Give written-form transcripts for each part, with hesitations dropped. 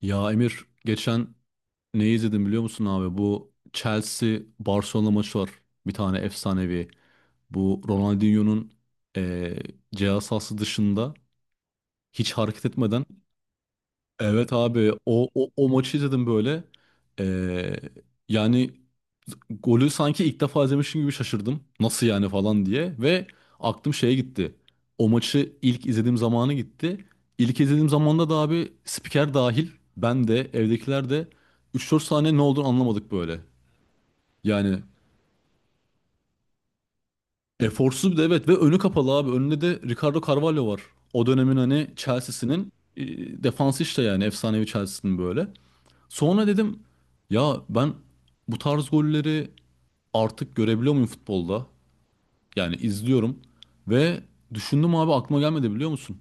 Ya Emir geçen ne izledim biliyor musun abi? Bu Chelsea Barcelona maçı var. Bir tane efsanevi. Bu Ronaldinho'nun eee ceza sahası dışında hiç hareket etmeden. Evet abi o maçı izledim böyle. Ee, yani golü sanki ilk defa izlemişim gibi şaşırdım. Nasıl yani falan diye. Ve aklım şeye gitti. O maçı ilk izlediğim zamanı gitti. İlk izlediğim zamanda da abi spiker dahil ben de evdekiler de üç dört saniye ne olduğunu anlamadık böyle. Yani eforsuz bir de evet ve önü kapalı abi. Önünde de Ricardo Carvalho var. O dönemin hani Chelsea'sinin defansı işte yani efsanevi Chelsea'sinin böyle. Sonra dedim ya ben bu tarz golleri artık görebiliyor muyum futbolda? Yani izliyorum ve düşündüm abi aklıma gelmedi biliyor musun?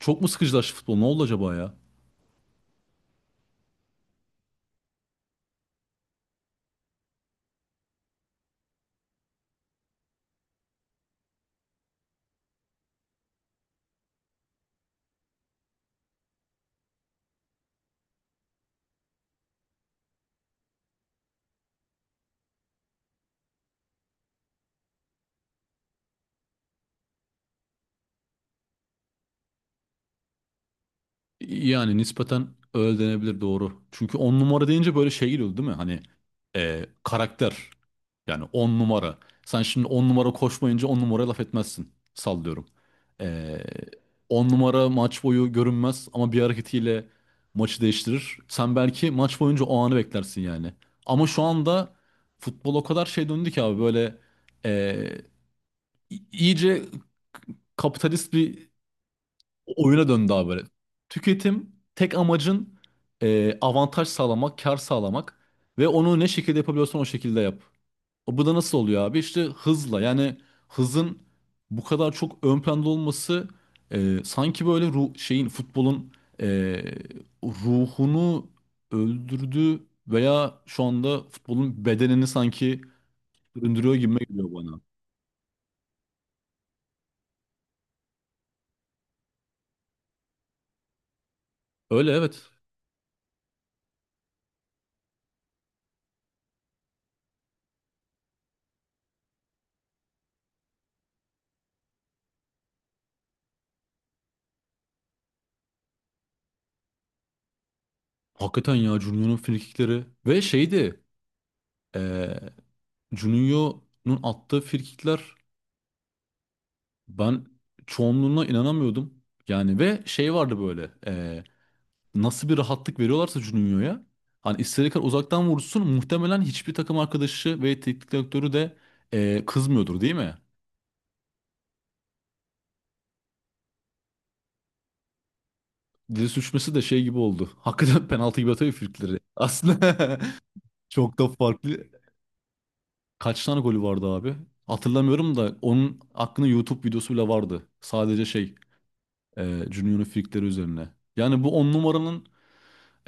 Çok mu sıkıcılaştı futbol? Ne oldu acaba ya? Yani nispeten öyle denebilir doğru. Çünkü on numara deyince böyle şey geliyordu değil mi? Hani karakter. Yani on numara. Sen şimdi on numara koşmayınca on numaraya laf etmezsin. Sallıyorum. E, on numara maç boyu görünmez ama bir hareketiyle maçı değiştirir. Sen belki maç boyunca o anı beklersin yani. Ama şu anda futbol o kadar şey döndü ki abi böyle e, iyice kapitalist bir oyuna döndü abi böyle. Tüketim tek amacın avantaj sağlamak, kar sağlamak ve onu ne şekilde yapabiliyorsan o şekilde yap. O bu da nasıl oluyor abi? İşte hızla yani hızın bu kadar çok ön planda olması sanki böyle şeyin futbolun e, ruhunu öldürdü veya şu anda futbolun bedenini sanki öldürüyor gibi geliyor bana. Öyle evet. Hakikaten ya Junior'un frikikleri ve şeydi e, Juninho'nun attığı frikikler ben çoğunluğuna inanamıyordum. Yani ve şey vardı böyle nasıl bir rahatlık veriyorlarsa Juninho'ya hani istediği kadar uzaktan vursun muhtemelen hiçbir takım arkadaşı ve teknik direktörü de kızmıyordur değil mi? Dili sürçmesi de şey gibi oldu. Hakikaten penaltı gibi atıyor frikikleri. Aslında çok da farklı. Kaç tane golü vardı abi? Hatırlamıyorum da onun hakkında YouTube videosu bile vardı. Sadece şey Juninho'nun frikikleri üzerine. Yani bu on numaranın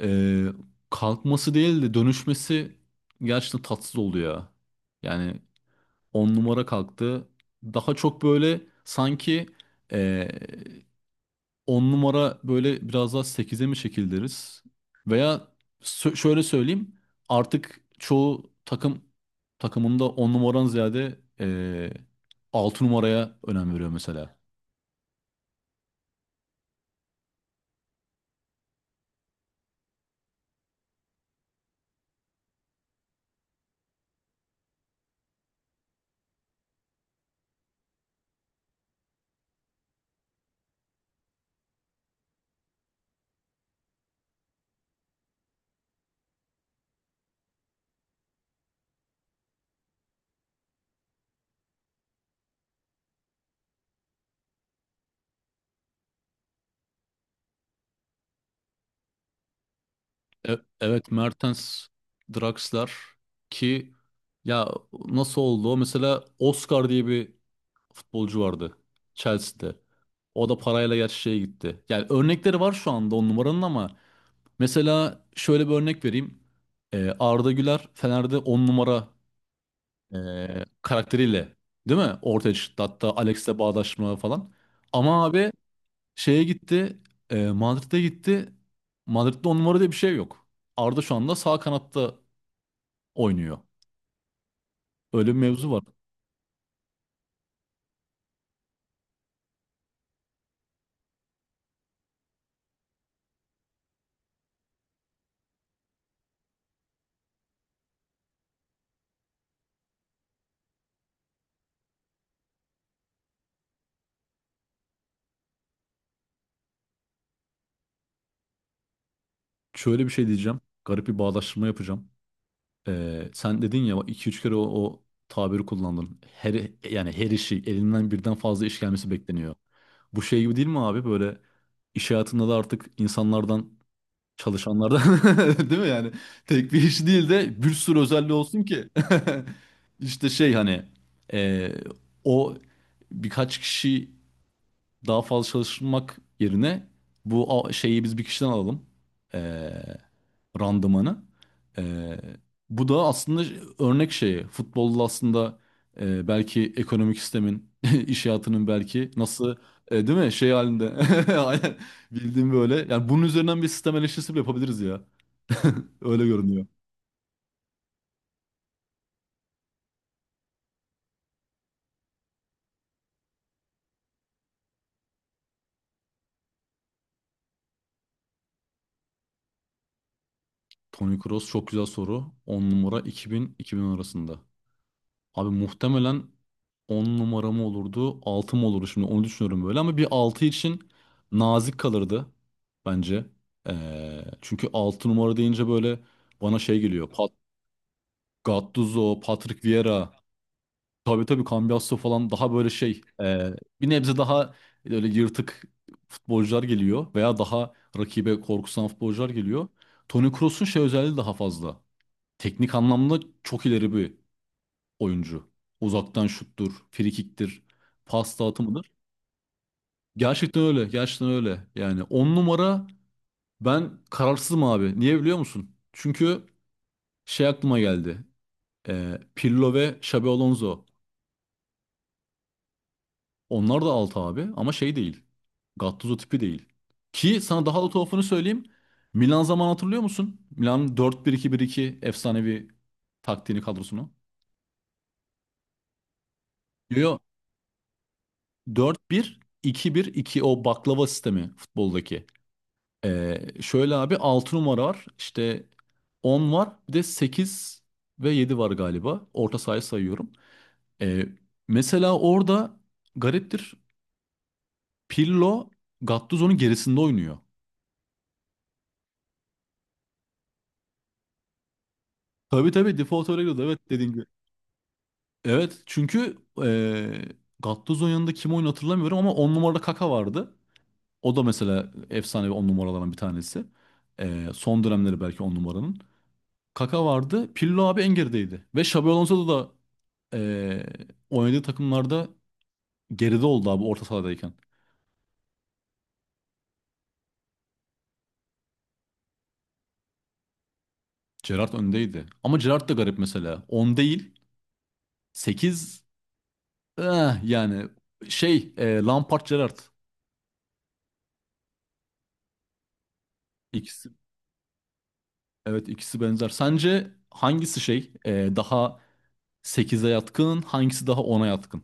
Ee, kalkması değil de dönüşmesi gerçekten tatsız oldu ya. Yani 10 numara kalktı. Daha çok böyle sanki ee, 10 numara böyle biraz daha sekize mi çekildiriz? Veya şöyle söyleyeyim artık çoğu takım takımında 10 numaran ziyade 6 numaraya önem veriyor mesela. Evet Mertens, Draxler ki ya nasıl oldu? O? Mesela Oscar diye bir futbolcu vardı Chelsea'de. O da parayla gerçi şeye gitti. Yani örnekleri var şu anda on numaranın ama mesela şöyle bir örnek vereyim. Arda Güler Fener'de on numara karakteriyle değil mi? Ortaya çıktı. Hatta Alex'le bağdaşma falan. Ama abi şeye gitti. Madrid'e gitti. Madrid'de on numara diye bir şey yok. Arda şu anda sağ kanatta oynuyor. Öyle bir mevzu var. Şöyle bir şey diyeceğim. Garip bir bağdaştırma yapacağım. Sen dedin ya iki üç kere o tabiri kullandın. Yani her işi elinden birden fazla iş gelmesi bekleniyor. Bu şey gibi değil mi abi? Böyle iş hayatında da artık insanlardan. Çalışanlardan. Değil mi yani? Tek bir iş değil de bir sürü özelliği olsun ki. İşte şey hani e, o birkaç kişi daha fazla çalışmak yerine bu şeyi biz bir kişiden alalım. Ee, randımanı. Ee, bu da aslında örnek şeyi. Futbolda aslında belki ekonomik sistemin, iş hayatının belki nasıl değil mi? Şey halinde. Aynen. Bildiğim böyle. Yani bunun üzerinden bir sistem eleştirisi bile yapabiliriz ya. Öyle görünüyor. Tony Kroos çok güzel soru. 10 numara 2000-2010 arasında. Abi muhtemelen 10 numaramı olurdu, 6 mı olurdu şimdi onu düşünüyorum böyle ama bir 6 için nazik kalırdı bence. Çünkü 6 numara deyince böyle bana şey geliyor. Gattuso, Patrick Vieira, tabii tabii Cambiasso falan daha böyle şey bir nebze daha böyle yırtık futbolcular geliyor veya daha rakibe korkusan futbolcular geliyor. Toni Kroos'un şey özelliği daha fazla. Teknik anlamda çok ileri bir oyuncu. Uzaktan şuttur, frikiktir, pas dağıtımıdır. Gerçekten öyle, gerçekten öyle. Yani 10 numara ben kararsızım abi. Niye biliyor musun? Çünkü şey aklıma geldi. Pirlo ve Xabi Alonso. Onlar da 6 abi ama şey değil. Gattuso tipi değil. Ki sana daha da tuhafını söyleyeyim. Milan zaman hatırlıyor musun? Milan dört bir iki bir iki efsanevi taktiğini kadrosunu. Yo yo 4-1-2-1-2 o baklava sistemi futboldaki. Şöyle abi 6 numara var. İşte 10 var. Bir de 8 ve 7 var galiba. Orta sahayı sayıyorum. Ee, mesela orada gariptir. Pirlo Gattuso'nun gerisinde oynuyor. Tabii tabii default öyle gidiyordu. Evet dediğin gibi. Evet çünkü ee, Gattuso'nun yanında kim oyunu hatırlamıyorum ama 10 numarada Kaka vardı. O da mesela efsane 10 numaralardan bir tanesi. Son dönemleri belki 10 numaranın. Kaka vardı. Pirlo abi en gerideydi. Ve Xabi Alonso da e, oynadığı takımlarda geride oldu abi orta sahadayken. Gerrard öndeydi. Ama Gerrard da garip mesela. 10 değil 8 yani şey Lampard Gerrard. İkisi, evet ikisi benzer. Sence hangisi şey daha 8'e yatkın hangisi daha 10'a yatkın?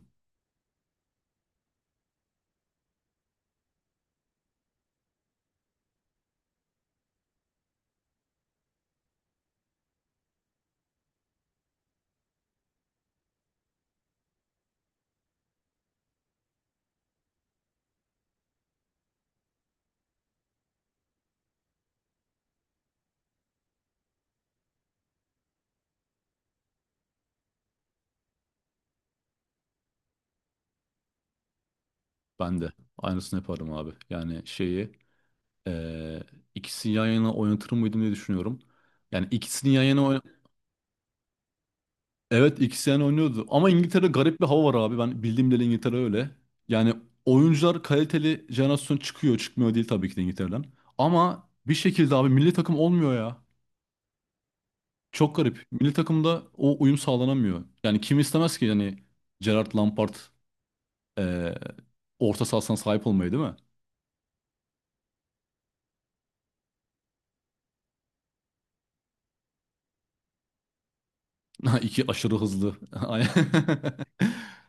Ben de aynısını yaparım abi. Yani şeyi e, ikisini yan yana oynatır mıydım diye düşünüyorum. Yani ikisini yan yana. Evet ikisini oynuyordu. Ama İngiltere'de garip bir hava var abi. Ben bildiğim dili İngiltere öyle. Yani oyuncular kaliteli jenerasyon çıkıyor. Çıkmıyor değil tabii ki de İngiltere'den. Ama bir şekilde abi milli takım olmuyor ya. Çok garip. Milli takımda o uyum sağlanamıyor. Yani kim istemez ki yani Gerard Lampard eee, orta sahasına sahip olmayı değil mi? İki aşırı hızlı. Aynen.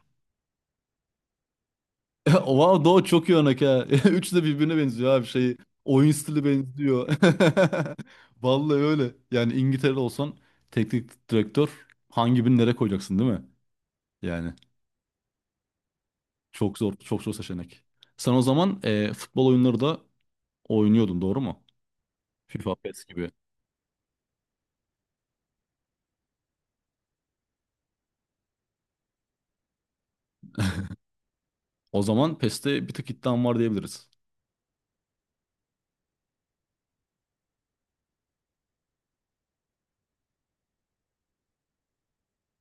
Wow Doğu çok iyi örnek ha. Üçü de birbirine benziyor abi şey. Oyun stili benziyor. Vallahi öyle. Yani İngiltere'de olsan teknik direktör hangi birini nereye koyacaksın değil mi? Yani çok zor, çok zor seçenek. Sen o zaman futbol oyunları da oynuyordun doğru mu? FIFA, PES gibi. O zaman PES'te bir tık iddian var diyebiliriz.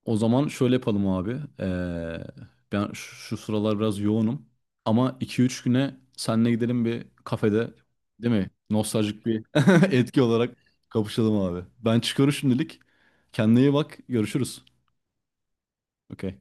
O zaman şöyle yapalım abi. Ben şu sıralar biraz yoğunum. Ama iki üç güne seninle gidelim bir kafede. Değil mi? Nostaljik bir etki olarak kapışalım abi. Ben çıkıyorum şimdilik. Kendine iyi bak. Görüşürüz. Okey.